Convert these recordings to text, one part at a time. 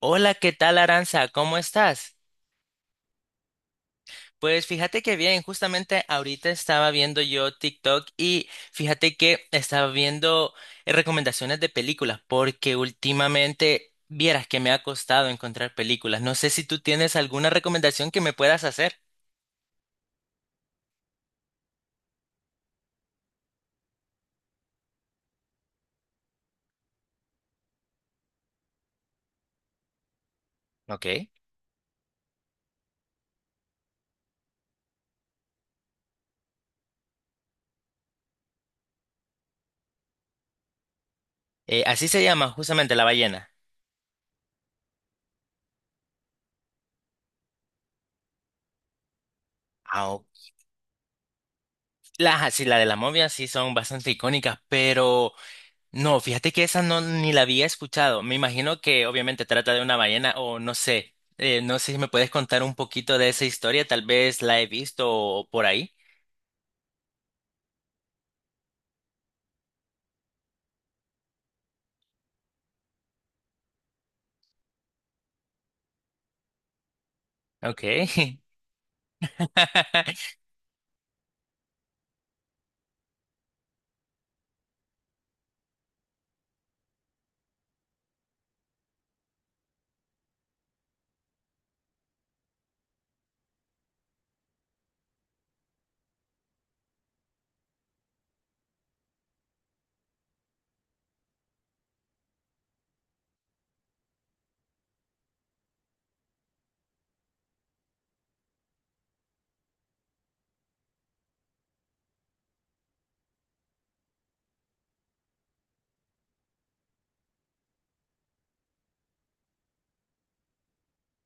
Hola, ¿qué tal, Aranza? ¿Cómo estás? Pues fíjate que bien, justamente ahorita estaba viendo yo TikTok y fíjate que estaba viendo recomendaciones de películas porque últimamente vieras que me ha costado encontrar películas. No sé si tú tienes alguna recomendación que me puedas hacer. Ok. Así se llama justamente La Ballena. Ah, o- las, así, la de la momia sí son bastante icónicas, pero no, fíjate que esa no ni la había escuchado. Me imagino que obviamente trata de una ballena o no sé. No sé si me puedes contar un poquito de esa historia. Tal vez la he visto o por ahí. Ok.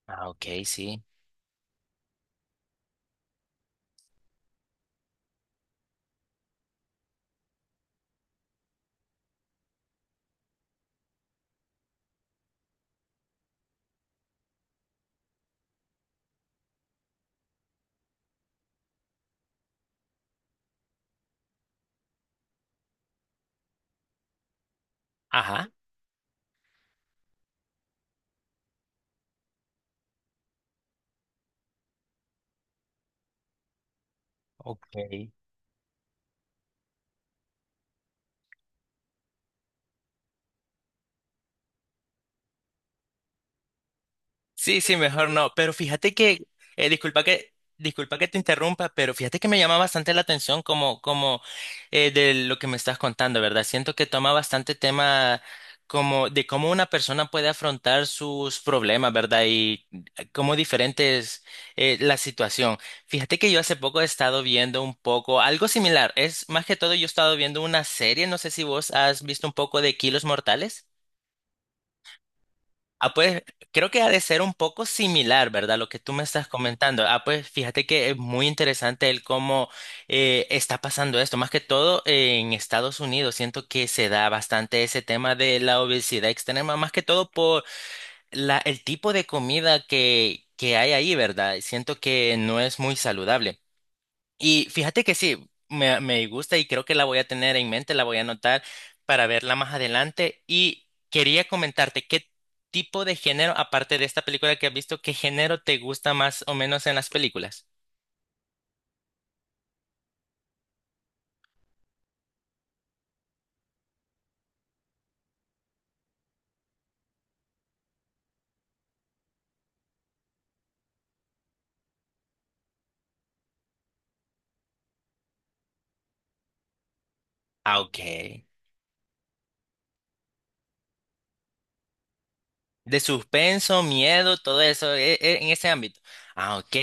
Ah, ok, sí. Ajá. Ok. Sí, sí, mejor no. Pero fíjate que, disculpa que, disculpa que te interrumpa, pero fíjate que me llama bastante la atención como de lo que me estás contando, ¿verdad? Siento que toma bastante tema como de cómo una persona puede afrontar sus problemas, ¿verdad? Y cómo diferente es la situación. Fíjate que yo hace poco he estado viendo un poco algo similar. Es más que todo yo he estado viendo una serie. No sé si vos has visto un poco de Kilos Mortales. Ah, pues creo que ha de ser un poco similar, ¿verdad? Lo que tú me estás comentando. Ah, pues fíjate que es muy interesante el cómo está pasando esto. Más que todo en Estados Unidos, siento que se da bastante ese tema de la obesidad extrema, más que todo por el tipo de comida que hay ahí, ¿verdad? Siento que no es muy saludable. Y fíjate que sí, me gusta y creo que la voy a tener en mente, la voy a anotar para verla más adelante. Y quería comentarte, ¿qué tipo de género, aparte de esta película que has visto, qué género te gusta más o menos en las películas? Ah, ok. De suspenso, miedo, todo eso en ese ámbito. Ah, ok.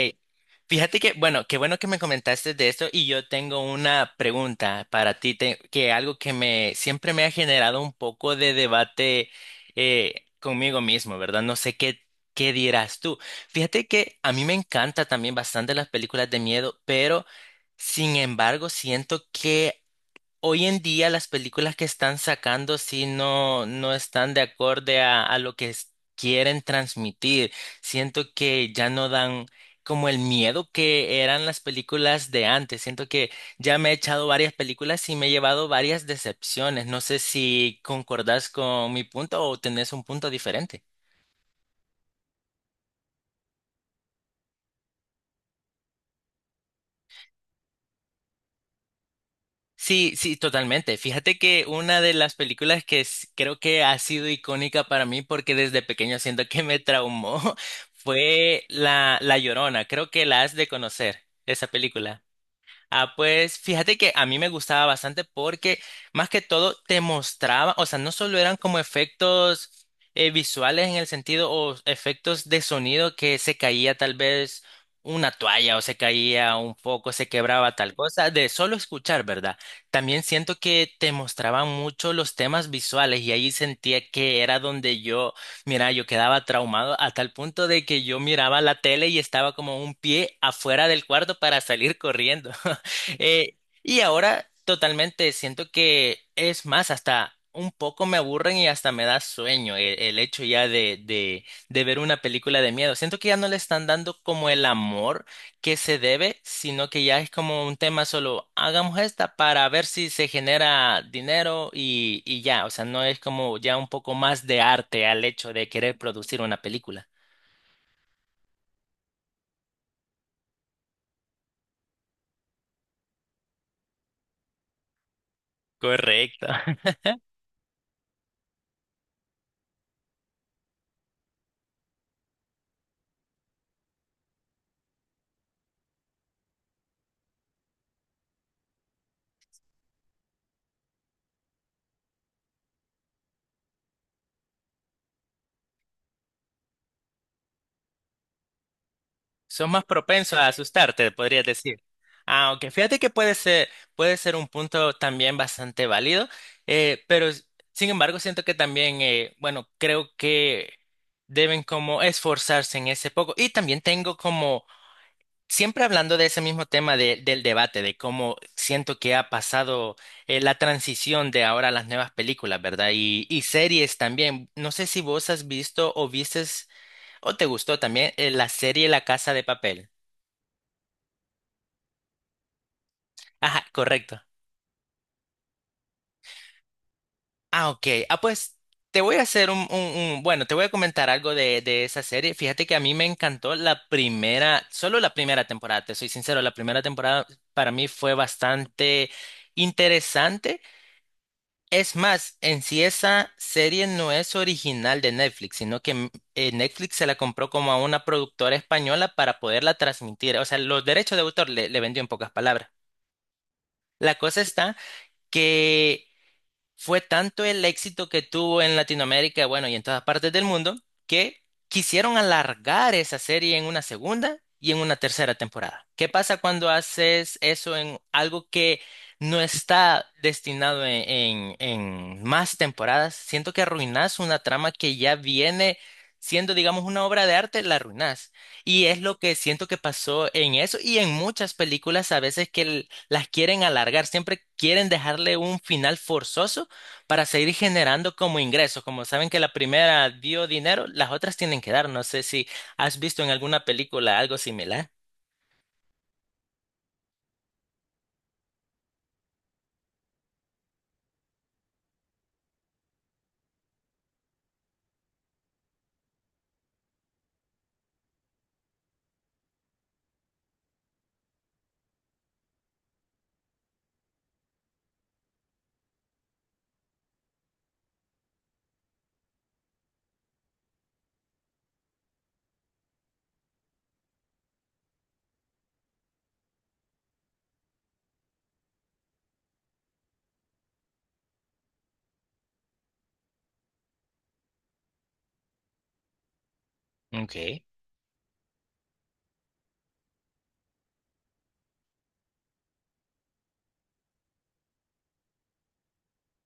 Fíjate que, bueno, qué bueno que me comentaste de esto y yo tengo una pregunta para ti, que algo que me siempre me ha generado un poco de debate conmigo mismo, ¿verdad? No sé qué, qué dirás tú. Fíjate que a mí me encanta también bastante las películas de miedo, pero sin embargo siento que hoy en día las películas que están sacando sí no, no están de acorde a lo que quieren transmitir. Siento que ya no dan como el miedo que eran las películas de antes. Siento que ya me he echado varias películas y me he llevado varias decepciones. No sé si concordás con mi punto o tenés un punto diferente. Sí, sí, totalmente. Fíjate que una de las películas que creo que ha sido icónica para mí porque desde pequeño siento que me traumó fue La Llorona. Creo que la has de conocer, esa película. Ah, pues fíjate que a mí me gustaba bastante porque más que todo te mostraba, o sea, no solo eran como efectos visuales en el sentido o efectos de sonido que se caía tal vez una toalla o se caía un foco, se quebraba tal cosa, de solo escuchar, ¿verdad? También siento que te mostraban mucho los temas visuales y ahí sentía que era donde yo, mira, yo quedaba traumado a tal punto de que yo miraba la tele y estaba como un pie afuera del cuarto para salir corriendo. Eh, y ahora totalmente siento que es más, hasta un poco me aburren y hasta me da sueño el hecho ya de ver una película de miedo. Siento que ya no le están dando como el amor que se debe, sino que ya es como un tema solo, hagamos esta para ver si se genera dinero y ya, o sea, no es como ya un poco más de arte al hecho de querer producir una película. Correcto. Son más propensos a asustarte, podrías decir. Ah, aunque fíjate que puede ser un punto también bastante válido, pero sin embargo siento que también, bueno, creo que deben como esforzarse en ese poco. Y también tengo como, siempre hablando de ese mismo tema del debate, de cómo siento que ha pasado la transición de ahora a las nuevas películas, ¿verdad? Y series también. No sé si vos has visto o vistes o te gustó también la serie La Casa de Papel. Ajá, correcto. Ah, ok. Ah, pues te voy a hacer bueno, te voy a comentar algo de esa serie. Fíjate que a mí me encantó la primera, solo la primera temporada, te soy sincero, la primera temporada para mí fue bastante interesante. Es más, en sí esa serie no es original de Netflix, sino que Netflix se la compró como a una productora española para poderla transmitir. O sea, los derechos de autor le vendió en pocas palabras. La cosa está que fue tanto el éxito que tuvo en Latinoamérica, bueno, y en todas partes del mundo, que quisieron alargar esa serie en una segunda y en una tercera temporada. ¿Qué pasa cuando haces eso en algo que no está destinado en más temporadas? Siento que arruinas una trama que ya viene siendo, digamos, una obra de arte, la arruinas. Y es lo que siento que pasó en eso y en muchas películas a veces que las quieren alargar, siempre quieren dejarle un final forzoso para seguir generando como ingresos. Como saben que la primera dio dinero, las otras tienen que dar. No sé si has visto en alguna película algo similar. Ok.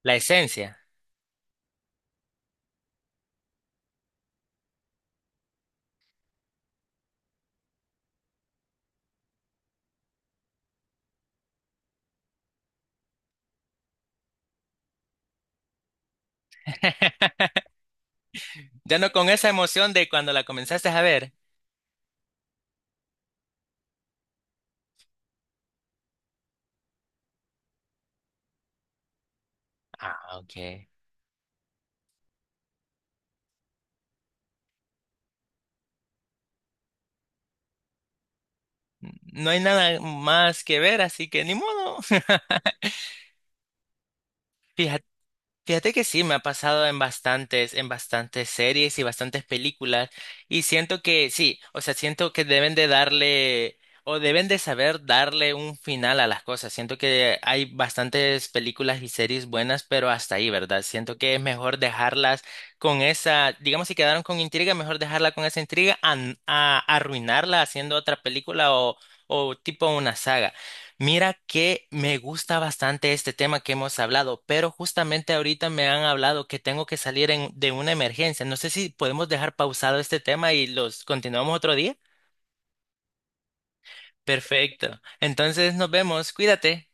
La esencia. Ya no con esa emoción de cuando la comenzaste a ver. Ah, ok. No hay nada más que ver, así que ni modo. Fíjate. Fíjate que sí, me ha pasado en bastantes series y bastantes películas y siento que sí, o sea, siento que deben de darle o deben de saber darle un final a las cosas. Siento que hay bastantes películas y series buenas, pero hasta ahí, ¿verdad? Siento que es mejor dejarlas con esa, digamos, si quedaron con intriga, mejor dejarla con esa intriga a arruinarla haciendo otra película o tipo una saga. Mira que me gusta bastante este tema que hemos hablado, pero justamente ahorita me han hablado que tengo que salir de una emergencia. No sé si podemos dejar pausado este tema y los continuamos otro día. Perfecto. Entonces nos vemos. Cuídate.